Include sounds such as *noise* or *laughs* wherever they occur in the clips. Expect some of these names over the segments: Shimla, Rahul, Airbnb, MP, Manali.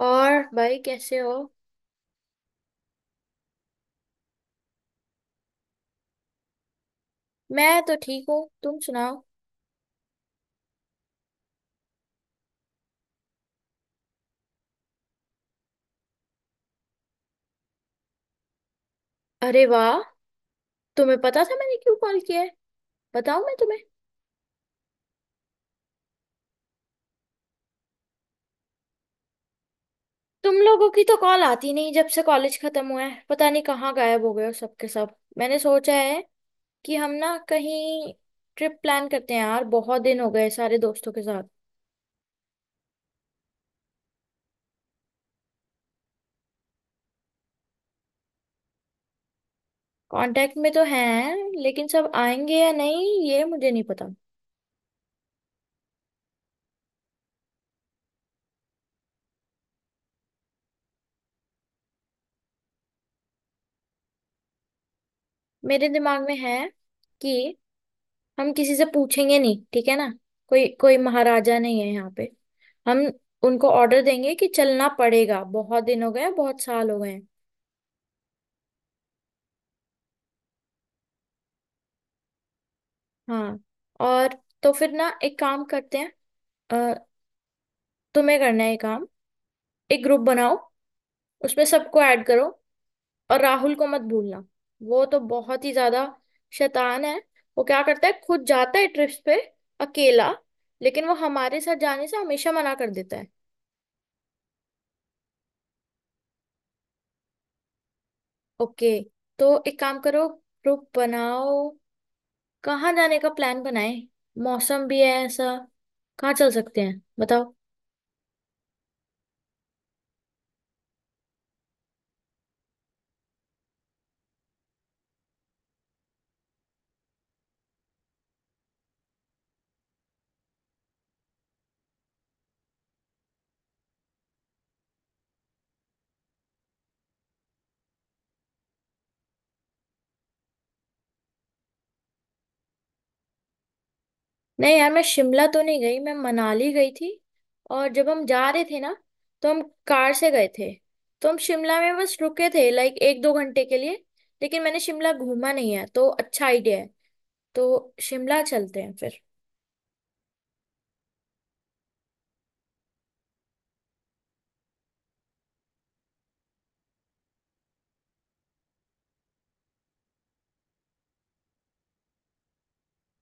और भाई कैसे हो। मैं तो ठीक हूँ, तुम सुनाओ। अरे वाह, तुम्हें पता था मैंने क्यों कॉल किया है? बताऊँ मैं तुम्हें? तुम लोगों की तो कॉल आती नहीं, जब से कॉलेज खत्म हुआ है पता नहीं कहाँ गायब हो गए हो सबके सब। मैंने सोचा है कि हम ना कहीं ट्रिप प्लान करते हैं यार, बहुत दिन हो गए सारे दोस्तों के साथ। कांटेक्ट में तो हैं लेकिन सब आएंगे या नहीं ये मुझे नहीं पता। मेरे दिमाग में है कि हम किसी से पूछेंगे नहीं, ठीक है ना। कोई कोई महाराजा नहीं है यहाँ पे। हम उनको ऑर्डर देंगे कि चलना पड़ेगा, बहुत दिन हो गए हैं, बहुत साल हो गए हैं। हाँ। और तो फिर ना एक काम करते हैं। अ, तुम्हें करना है ये काम। एक ग्रुप बनाओ, उसमें सबको ऐड करो, और राहुल को मत भूलना। वो तो बहुत ही ज्यादा शैतान है। वो क्या करता है, खुद जाता है ट्रिप्स पे, अकेला। लेकिन वो हमारे साथ जाने से हमेशा मना कर देता है। ओके, तो एक काम करो, ग्रुप बनाओ, कहाँ जाने का प्लान बनाए, मौसम भी है ऐसा, कहाँ चल सकते हैं बताओ। नहीं यार, मैं शिमला तो नहीं गई, मैं मनाली गई थी। और जब हम जा रहे थे ना तो हम कार से गए थे, तो हम शिमला में बस रुके थे लाइक एक दो घंटे के लिए। लेकिन मैंने शिमला घूमा नहीं है तो अच्छा आइडिया है, तो शिमला चलते हैं फिर।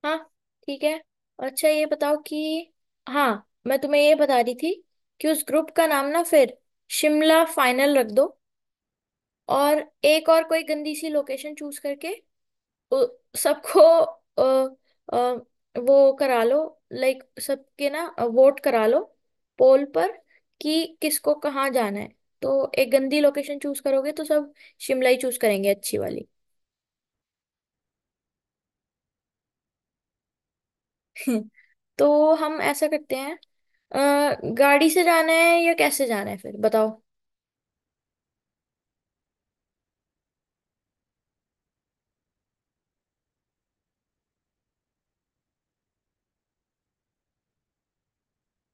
हाँ, ठीक है। और अच्छा ये बताओ कि, हाँ मैं तुम्हें ये बता रही थी कि उस ग्रुप का नाम ना फिर शिमला फाइनल रख दो। और एक और कोई गंदी सी लोकेशन चूज करके उ- सबको अ, वो करा लो, लाइक सबके ना वोट करा लो पोल पर कि किसको कहाँ जाना है। तो एक गंदी लोकेशन चूज करोगे तो सब शिमला ही चूज करेंगे अच्छी वाली। *laughs* तो हम ऐसा करते हैं, गाड़ी से जाना है या कैसे जाना है फिर बताओ।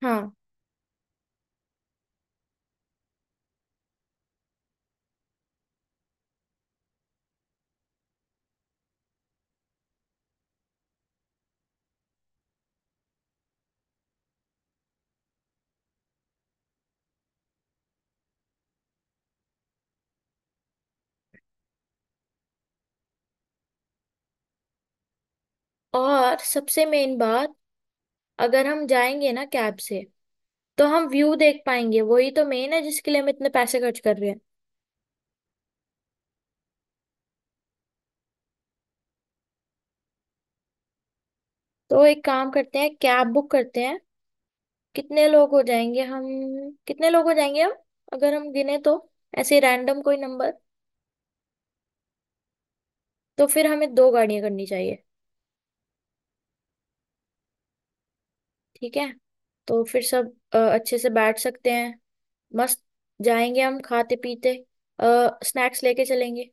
हाँ। और सबसे मेन बात, अगर हम जाएंगे ना कैब से तो हम व्यू देख पाएंगे, वही तो मेन है जिसके लिए हम इतने पैसे खर्च कर रहे हैं। तो एक काम करते हैं, कैब बुक करते हैं। कितने लोग हो जाएंगे हम, कितने लोग हो जाएंगे हम, अगर हम गिने तो, ऐसे रैंडम कोई नंबर। तो फिर हमें दो गाड़ियां करनी चाहिए। ठीक है, तो फिर सब अच्छे से बैठ सकते हैं मस्त, जाएंगे हम खाते पीते, स्नैक्स लेके चलेंगे।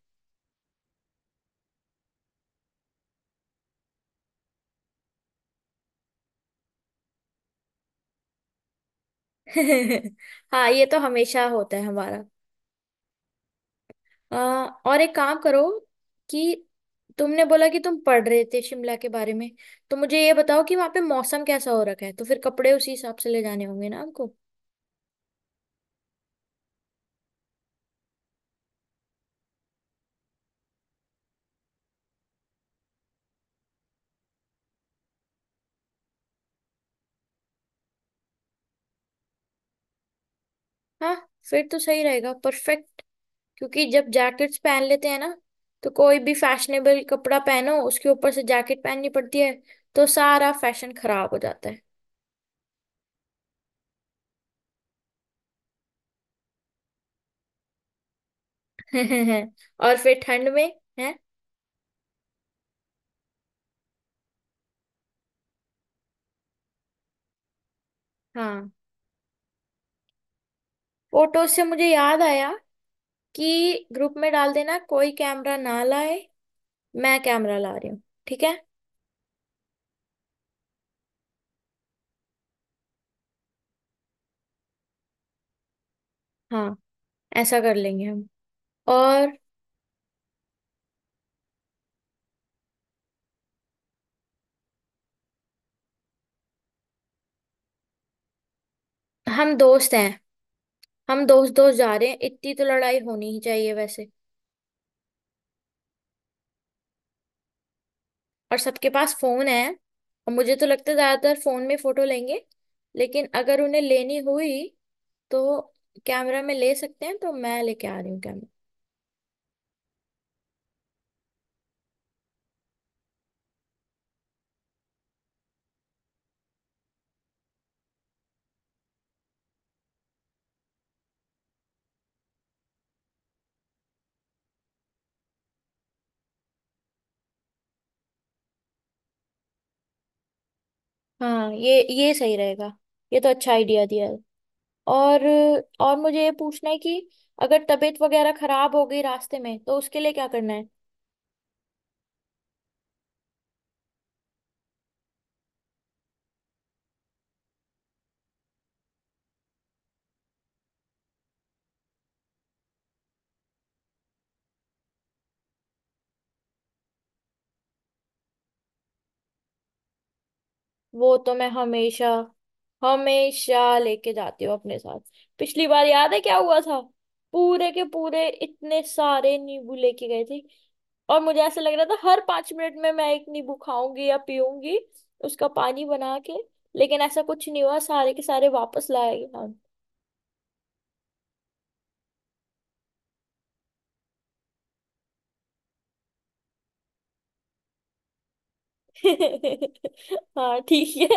*laughs* हाँ ये तो हमेशा होता है हमारा। अ, और एक काम करो कि तुमने बोला कि तुम पढ़ रहे थे शिमला के बारे में, तो मुझे ये बताओ कि वहां पे मौसम कैसा हो रखा है, तो फिर कपड़े उसी हिसाब से ले जाने होंगे ना हमको। हाँ, फिर तो सही रहेगा परफेक्ट। क्योंकि जब जैकेट्स पहन लेते हैं ना तो कोई भी फैशनेबल कपड़ा पहनो उसके ऊपर से जैकेट पहननी पड़ती है, तो सारा फैशन खराब हो जाता है। *laughs* और फिर ठंड में है। हाँ। फोटो से मुझे याद आया कि ग्रुप में डाल देना कोई कैमरा ना लाए, मैं कैमरा ला रही हूँ, ठीक है। हाँ, ऐसा कर लेंगे हम। और हम दोस्त हैं, हम दोस्त दोस्त जा रहे हैं, इतनी तो लड़ाई होनी ही चाहिए वैसे। और सबके पास फोन है, और मुझे तो लगता है ज्यादातर फोन में फोटो लेंगे। लेकिन अगर उन्हें लेनी हुई तो कैमरा में ले सकते हैं, तो मैं लेके आ रही हूँ कैमरा। हाँ ये सही रहेगा, ये तो अच्छा आइडिया दिया है। और और मुझे ये पूछना है कि अगर तबीयत वगैरह खराब हो गई रास्ते में तो उसके लिए क्या करना है? वो तो मैं हमेशा, हमेशा लेके जाती हूँ अपने साथ। पिछली बार याद है क्या हुआ था, पूरे के पूरे इतने सारे नींबू लेके गए थे और मुझे ऐसा लग रहा था हर 5 मिनट में मैं एक नींबू खाऊंगी या पीऊंगी, उसका पानी बना के। लेकिन ऐसा कुछ नहीं हुआ, सारे के सारे वापस लाए गए हम। *laughs* हाँ ठीक है।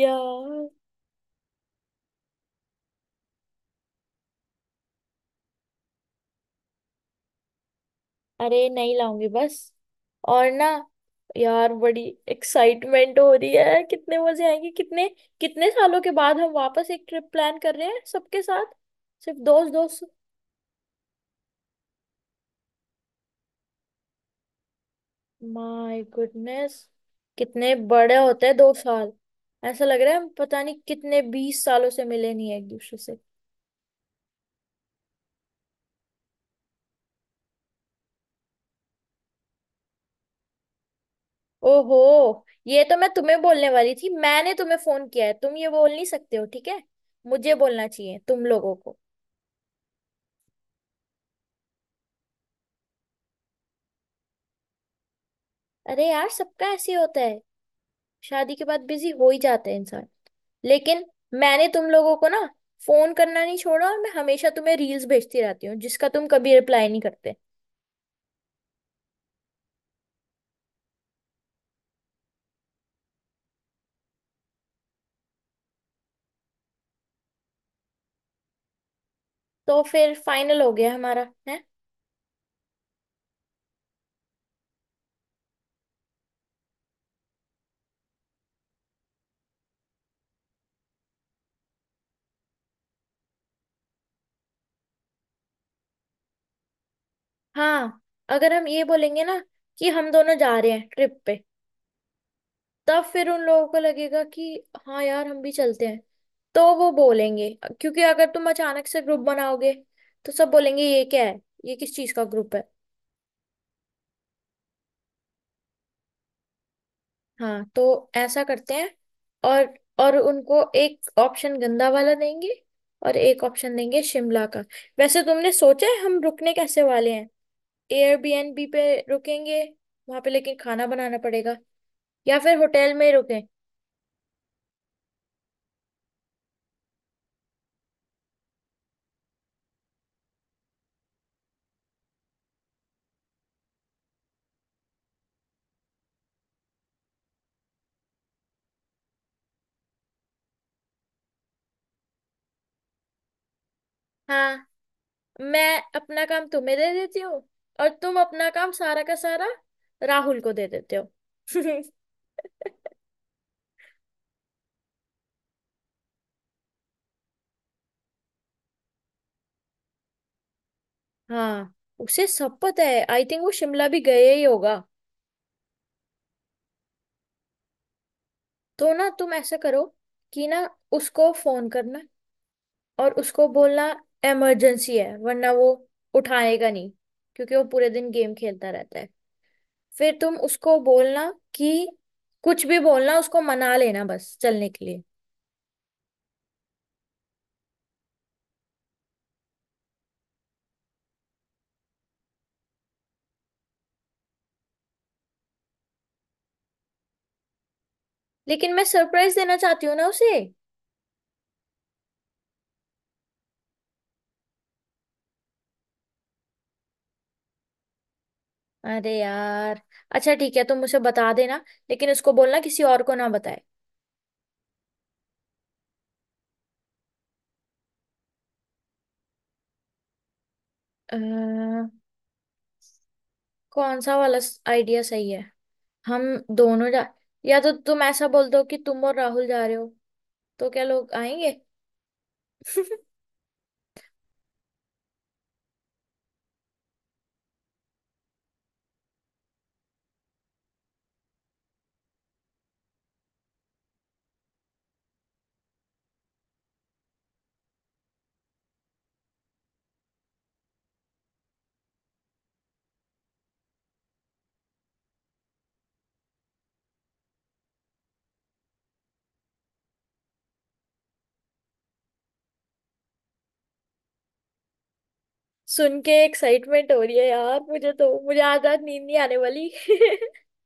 यार अरे नहीं लाऊंगी बस। और ना यार बड़ी एक्साइटमेंट हो रही है, कितने मजे आएंगे, कितने, कितने सालों के बाद हम वापस एक ट्रिप प्लान कर रहे हैं सबके साथ, सिर्फ दोस्त दोस्त। माय गुडनेस, कितने बड़े होते हैं 2 साल, ऐसा लग रहा है हम पता नहीं कितने 20 सालों से मिले नहीं है एक दूसरे से। ओहो, ये तो मैं तुम्हें बोलने वाली थी, मैंने तुम्हें फोन किया है तुम ये बोल नहीं सकते हो, ठीक है? मुझे बोलना चाहिए तुम लोगों को। अरे यार सबका ऐसे ही होता है, शादी के बाद बिजी हो ही जाते हैं इंसान। लेकिन मैंने तुम लोगों को ना फोन करना नहीं छोड़ा, और मैं हमेशा तुम्हें रील्स भेजती रहती हूँ जिसका तुम कभी रिप्लाई नहीं करते। तो फिर फाइनल हो गया हमारा है। हाँ, अगर हम ये बोलेंगे ना कि हम दोनों जा रहे हैं ट्रिप पे, तब फिर उन लोगों को लगेगा कि हाँ यार हम भी चलते हैं, तो वो बोलेंगे। क्योंकि अगर तुम अचानक से ग्रुप बनाओगे तो सब बोलेंगे ये क्या है, ये किस चीज का ग्रुप है? हाँ तो ऐसा करते हैं। और और उनको एक ऑप्शन गंदा वाला देंगे, और एक ऑप्शन देंगे शिमला का। वैसे तुमने सोचा है हम रुकने कैसे वाले हैं? एयरबीएनबी पे रुकेंगे वहां पे लेकिन खाना बनाना पड़ेगा, या फिर होटल में ही रुकें? हाँ, मैं अपना काम तुम्हें दे देती हूँ, और तुम अपना काम सारा का सारा राहुल को दे देते हो। *laughs* हाँ उसे सब पता है, आई थिंक वो शिमला भी गए ही होगा। तो ना तुम ऐसा करो कि ना उसको फोन करना, और उसको बोलना इमरजेंसी है, वरना वो उठाएगा नहीं क्योंकि वो पूरे दिन गेम खेलता रहता है। फिर तुम उसको बोलना कि कुछ भी बोलना, उसको मना लेना बस चलने के लिए। लेकिन मैं सरप्राइज देना चाहती हूँ ना उसे। अरे यार अच्छा ठीक है, तुम मुझे बता देना, लेकिन उसको बोलना किसी और को ना बताए। अ, कौन सा वाला आइडिया सही है, हम दोनों जा, या तो तुम ऐसा बोल दो कि तुम और राहुल जा रहे हो तो क्या लोग आएंगे? *laughs* सुन के एक्साइटमेंट हो रही है यार, मुझे आज रात नींद नहीं आने वाली। *laughs*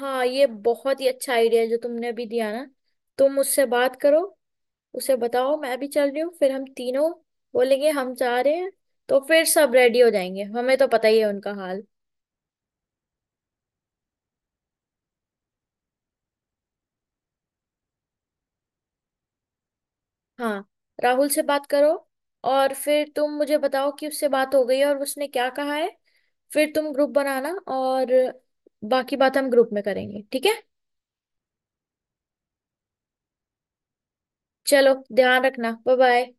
हाँ ये बहुत ही अच्छा आइडिया है जो तुमने अभी दिया ना। तुम उससे बात करो, उसे बताओ मैं भी चल रही हूँ, फिर हम तीनों बोलेंगे हम जा रहे हैं, तो फिर सब रेडी हो जाएंगे, हमें तो पता ही है उनका हाल। हाँ राहुल से बात करो, और फिर तुम मुझे बताओ कि उससे बात हो गई है और उसने क्या कहा है, फिर तुम ग्रुप बनाना और बाकी बात हम ग्रुप में करेंगे, ठीक है। चलो, ध्यान रखना, बाय बाय।